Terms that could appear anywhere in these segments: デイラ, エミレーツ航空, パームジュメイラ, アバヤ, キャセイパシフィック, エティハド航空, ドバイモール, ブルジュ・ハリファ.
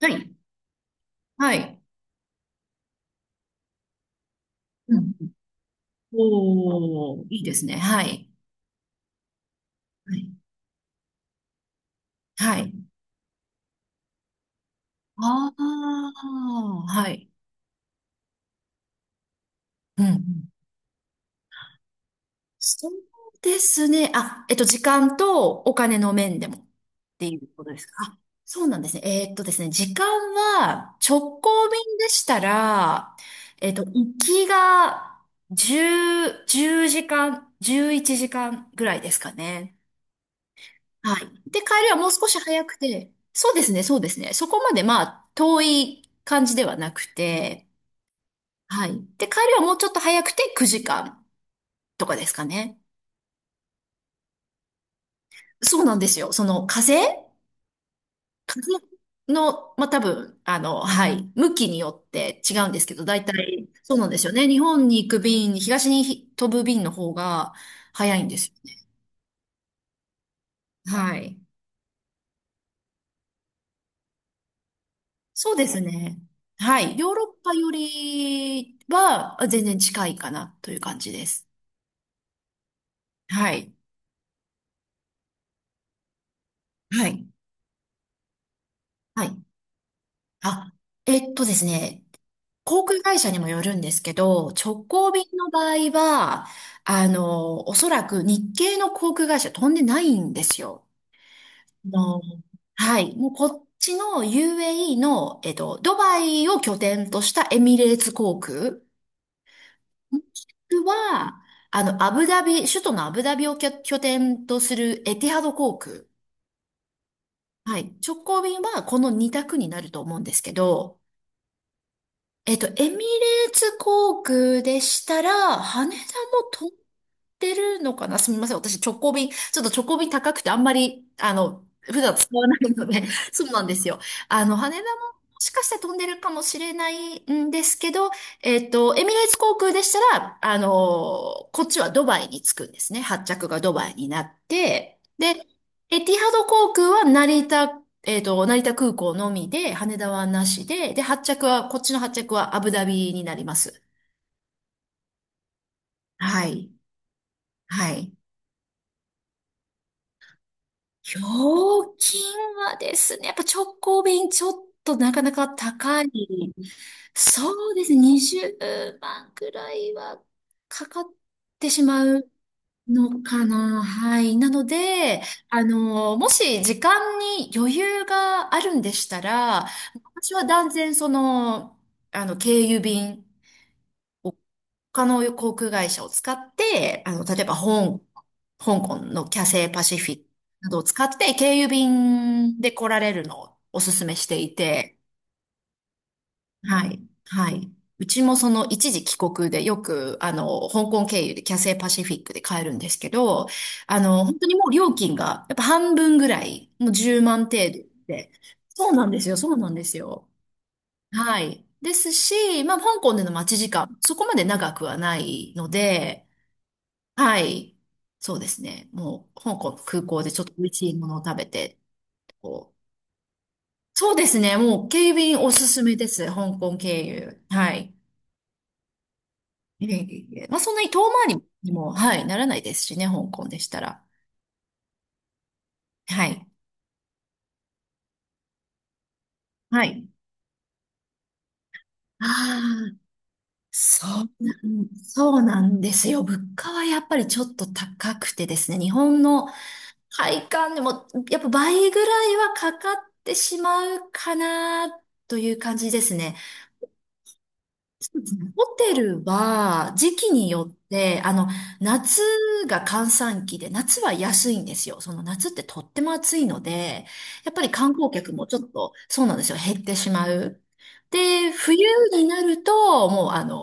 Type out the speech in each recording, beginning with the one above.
はい。はい。うん。おー、いいですね。はい。はい。はい。ああ、はい。うん。そうですね。あ、時間とお金の面でもっていうことですか。あ、そうなんですね。時間は直行便でしたら、行きが10、10時間、11時間ぐらいですかね。はい。で、帰りはもう少し早くて、そうですね、そうですね。そこまでまあ、遠い感じではなくて、はい。で、帰りはもうちょっと早くて9時間とかですかね。そうなんですよ。その風の、まあ多分、はい、向きによって違うんですけど、大体、そうなんですよね。日本に行く便、東に飛ぶ便の方が早いんですよね。はい。そうですね。はい。ヨーロッパよりは全然近いかなという感じです。はい。はい。はい。あ、えっとですね。航空会社にもよるんですけど、直行便の場合は、おそらく日系の航空会社飛んでないんですよ。あのはい。もうこっちの UAE の、ドバイを拠点としたエミレーツ航空。もしくは、アブダビ、首都のアブダビを拠点とするエティハド航空。はい。直行便はこの2択になると思うんですけど、エミレーツ航空でしたら、羽田もってるのかなすみません。私、直行便、ちょっと直行便高くてあんまり、普段使わないので、そうなんですよ。羽田ももしかしたら飛んでるかもしれないんですけど、エミレーツ航空でしたら、こっちはドバイに着くんですね。発着がドバイになって、で、エティハド航空は成田、成田空港のみで、羽田はなしで、で、発着は、こっちの発着はアブダビになります。はい。はい。ひょうきんはですね、やっぱ直行便ちょっとなかなか高い。そうですね、20万くらいはかかってしまうのかな。はい。なので、もし時間に余裕があるんでしたら、私は断然その、経由便。を他の航空会社を使って、例えば、香港のキャセイパシフィックなどを使って、経由便で来られるのをお勧めしていて、はい、はい。うちもその一時帰国でよく、香港経由でキャセイパシフィックで買えるんですけど、本当にもう料金がやっぱ半分ぐらい、もう10万程度で。そうなんですよ、そうなんですよ。はい。ですし、まあ、香港での待ち時間、そこまで長くはないので、はい。そうですね。もう、香港の空港でちょっと美味しいものを食べて、こう。そうですね。もう、警備員おすすめです。香港経由。はい。いえいえいえまあ、そんなに遠回りにも、はい、ならないですしね、香港でしたら。はい。はい。ああ、そうなんですよ。物価はやっぱりちょっと高くてですね、日本の配管でも、やっぱ倍ぐらいはかかってしまうかな、という感じですね。ホテルは時期によって、夏が閑散期で、夏は安いんですよ。その夏ってとっても暑いので、やっぱり観光客もちょっと、そうなんですよ、減ってしまう。で、冬になると、もう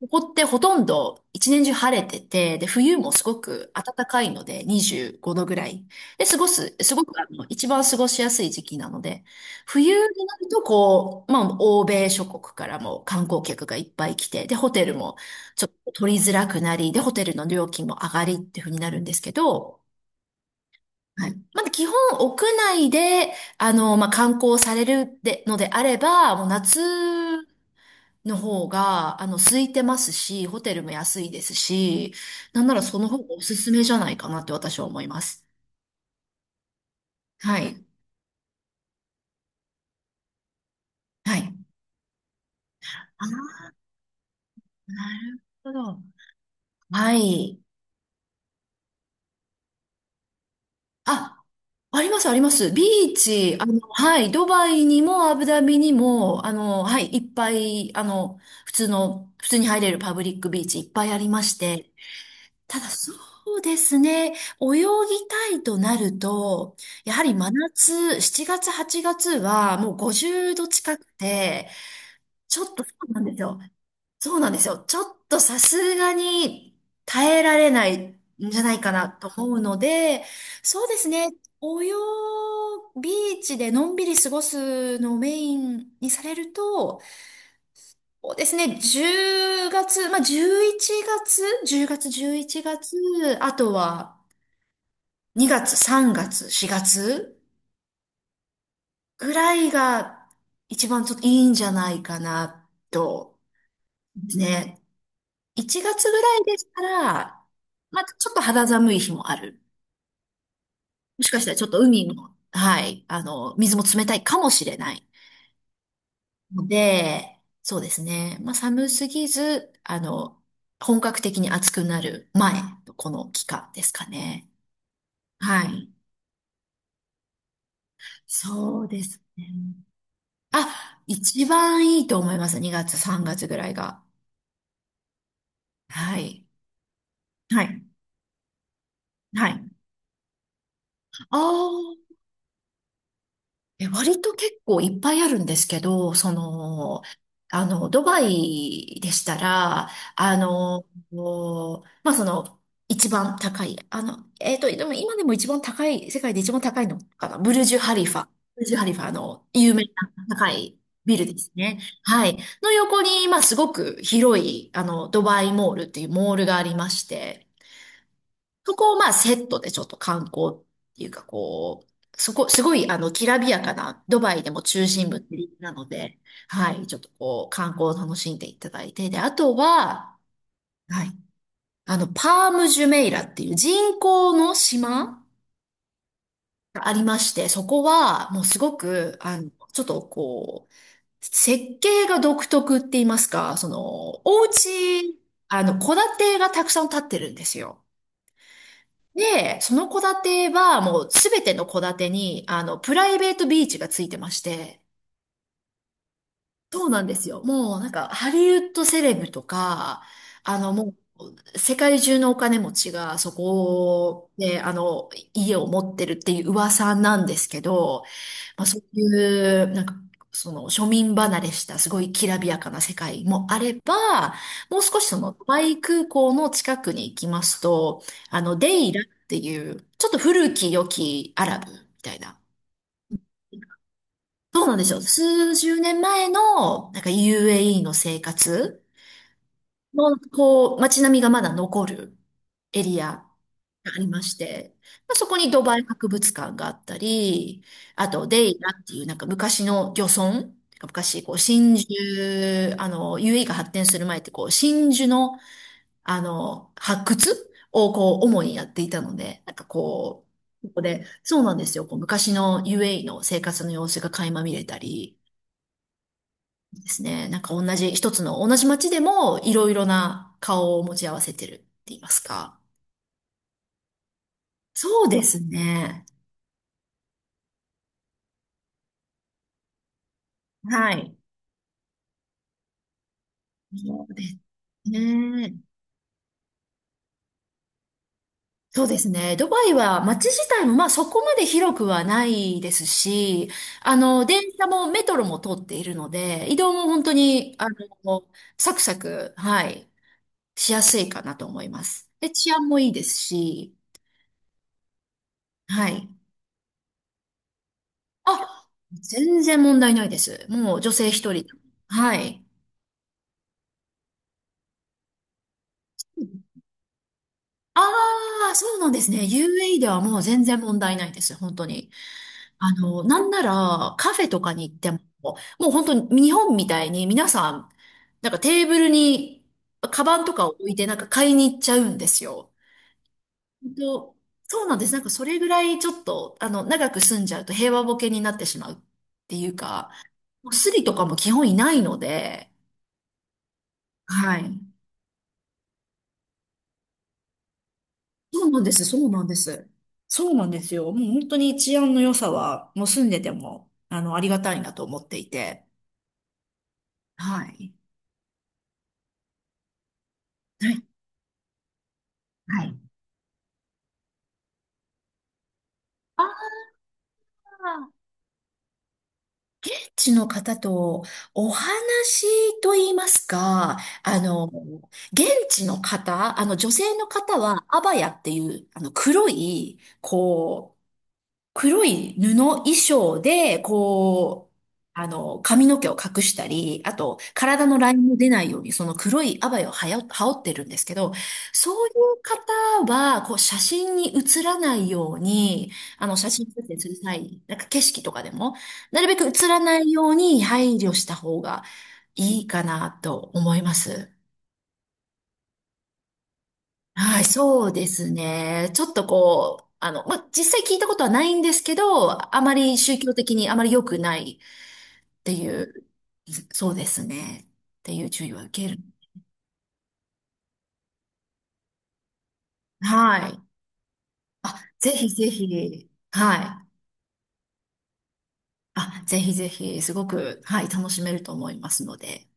ここってほとんど一年中晴れてて、で、冬もすごく暖かいので、25度ぐらい。で、過ごす、すごく一番過ごしやすい時期なので、冬になると、こう、まあ、欧米諸国からも観光客がいっぱい来て、で、ホテルもちょっと取りづらくなり、で、ホテルの料金も上がりっていう風になるんですけど、はい。まだ基本屋内で、まあ、観光されるでのであれば、もう夏の方が、空いてますし、ホテルも安いですし、なんならその方がおすすめじゃないかなって私は思います。はい。はい。あなるほど。はい。あ、あります、あります。ビーチ、はい、ドバイにもアブダビにも、はい、いっぱい、普通に入れるパブリックビーチいっぱいありまして、ただそうですね、泳ぎたいとなると、やはり真夏、7月、8月はもう50度近くて、ちょっとそうなんですよ。そうなんですよ。ちょっとさすがに耐えられないんじゃないかなと思うので、そうですね。泳ぐビーチでのんびり過ごすのをメインにされると、そうですね。10月、まあ、11月、10月、11月、あとは2月、3月、4月ぐらいが一番ちょっといいんじゃないかなと、ね。1月ぐらいでしたら、まあ、ちょっと肌寒い日もある。もしかしたらちょっと海も、はい、水も冷たいかもしれない。ので、そうですね。まあ、寒すぎず、本格的に暑くなる前のこの期間ですかね。はい。そうですね。あ、一番いいと思います。2月、3月ぐらいが。はい。はい。はい。ああ。え、割と結構いっぱいあるんですけど、その、ドバイでしたら、こうまあ、その、一番高い、でも今でも一番高い、世界で一番高いのかな、ブルジュ・ハリファ。ブルジュ・ハリファ有名な高いビルですね。はい。の横に、まあ、すごく広い、ドバイモールっていうモールがありまして、そこをまあセットでちょっと観光っていうかこう、そこ、すごいきらびやかな、ドバイでも中心部って立地なので、はい、ちょっとこう、観光を楽しんでいただいて、で、あとは、はい、パームジュメイラっていう人工の島がありまして、そこはもうすごく、ちょっとこう、設計が独特って言いますか、その、お家、戸建てがたくさん建ってるんですよ。で、その戸建てはもうすべての戸建てに、プライベートビーチがついてまして、そうなんですよ。もうなんか、ハリウッドセレブとか、もう、世界中のお金持ちがそこで、家を持ってるっていう噂なんですけど、まあ、そういう、なんか、その庶民離れしたすごいきらびやかな世界もあれば、もう少しそのドイ空港の近くに行きますと、デイラっていう、ちょっと古き良きアラブみたいな。そうなんですよ。数十年前の、なんか UAE の生活の、こう、街並みがまだ残るエリアがありまして、まあ、そこにドバイ博物館があったり、あとデイラっていうなんか昔の漁村、昔こう真珠、UAE が発展する前ってこう真珠の発掘をこう主にやっていたので、なんかこう、ここで、そうなんですよ、こう昔の UAE の生活の様子が垣間見れたりですね、なんか同じ一つの同じ街でもいろいろな顔を持ち合わせてるって言いますか。そうですね。はい。そうですね。そうですね。ドバイは街自体もまあそこまで広くはないですし、電車もメトロも通っているので、移動も本当に、サクサク、はい、しやすいかなと思います。で、治安もいいですし、はい。あ、全然問題ないです。もう女性一人。はい。ああ、そうなんですね。UAE ではもう全然問題ないです。本当に。なんならカフェとかに行っても、もう本当に日本みたいに皆さん、なんかテーブルにカバンとかを置いてなんか買いに行っちゃうんですよ。本当そうなんです。なんかそれぐらいちょっと、長く住んじゃうと平和ボケになってしまうっていうか、もうスリとかも基本いないので、はい。そうなんです、そうなんです。そうなんですよ。もう本当に治安の良さは、もう住んでても、ありがたいなと思っていて。はい。はい。はい。あ現地の方とお話と言いますか、あの、現地の方、あの女性の方はアバヤっていう、黒い、こう、黒い布衣装で、こう、髪の毛を隠したり、あと、体のラインも出ないように、その黒いアバイを羽織ってるんですけど、そういう方は、こう、写真に写らないように、写真撮影する際、なんか景色とかでも、なるべく写らないように配慮した方がいいかなと思います。はい、そうですね。ちょっとこう、まあ、実際聞いたことはないんですけど、あまり宗教的にあまり良くないっていう、そうですね。っていう注意は受ける。はい。あ、ぜひぜひ。はい。あ、ぜひぜひ、すごく、はい、楽しめると思いますので。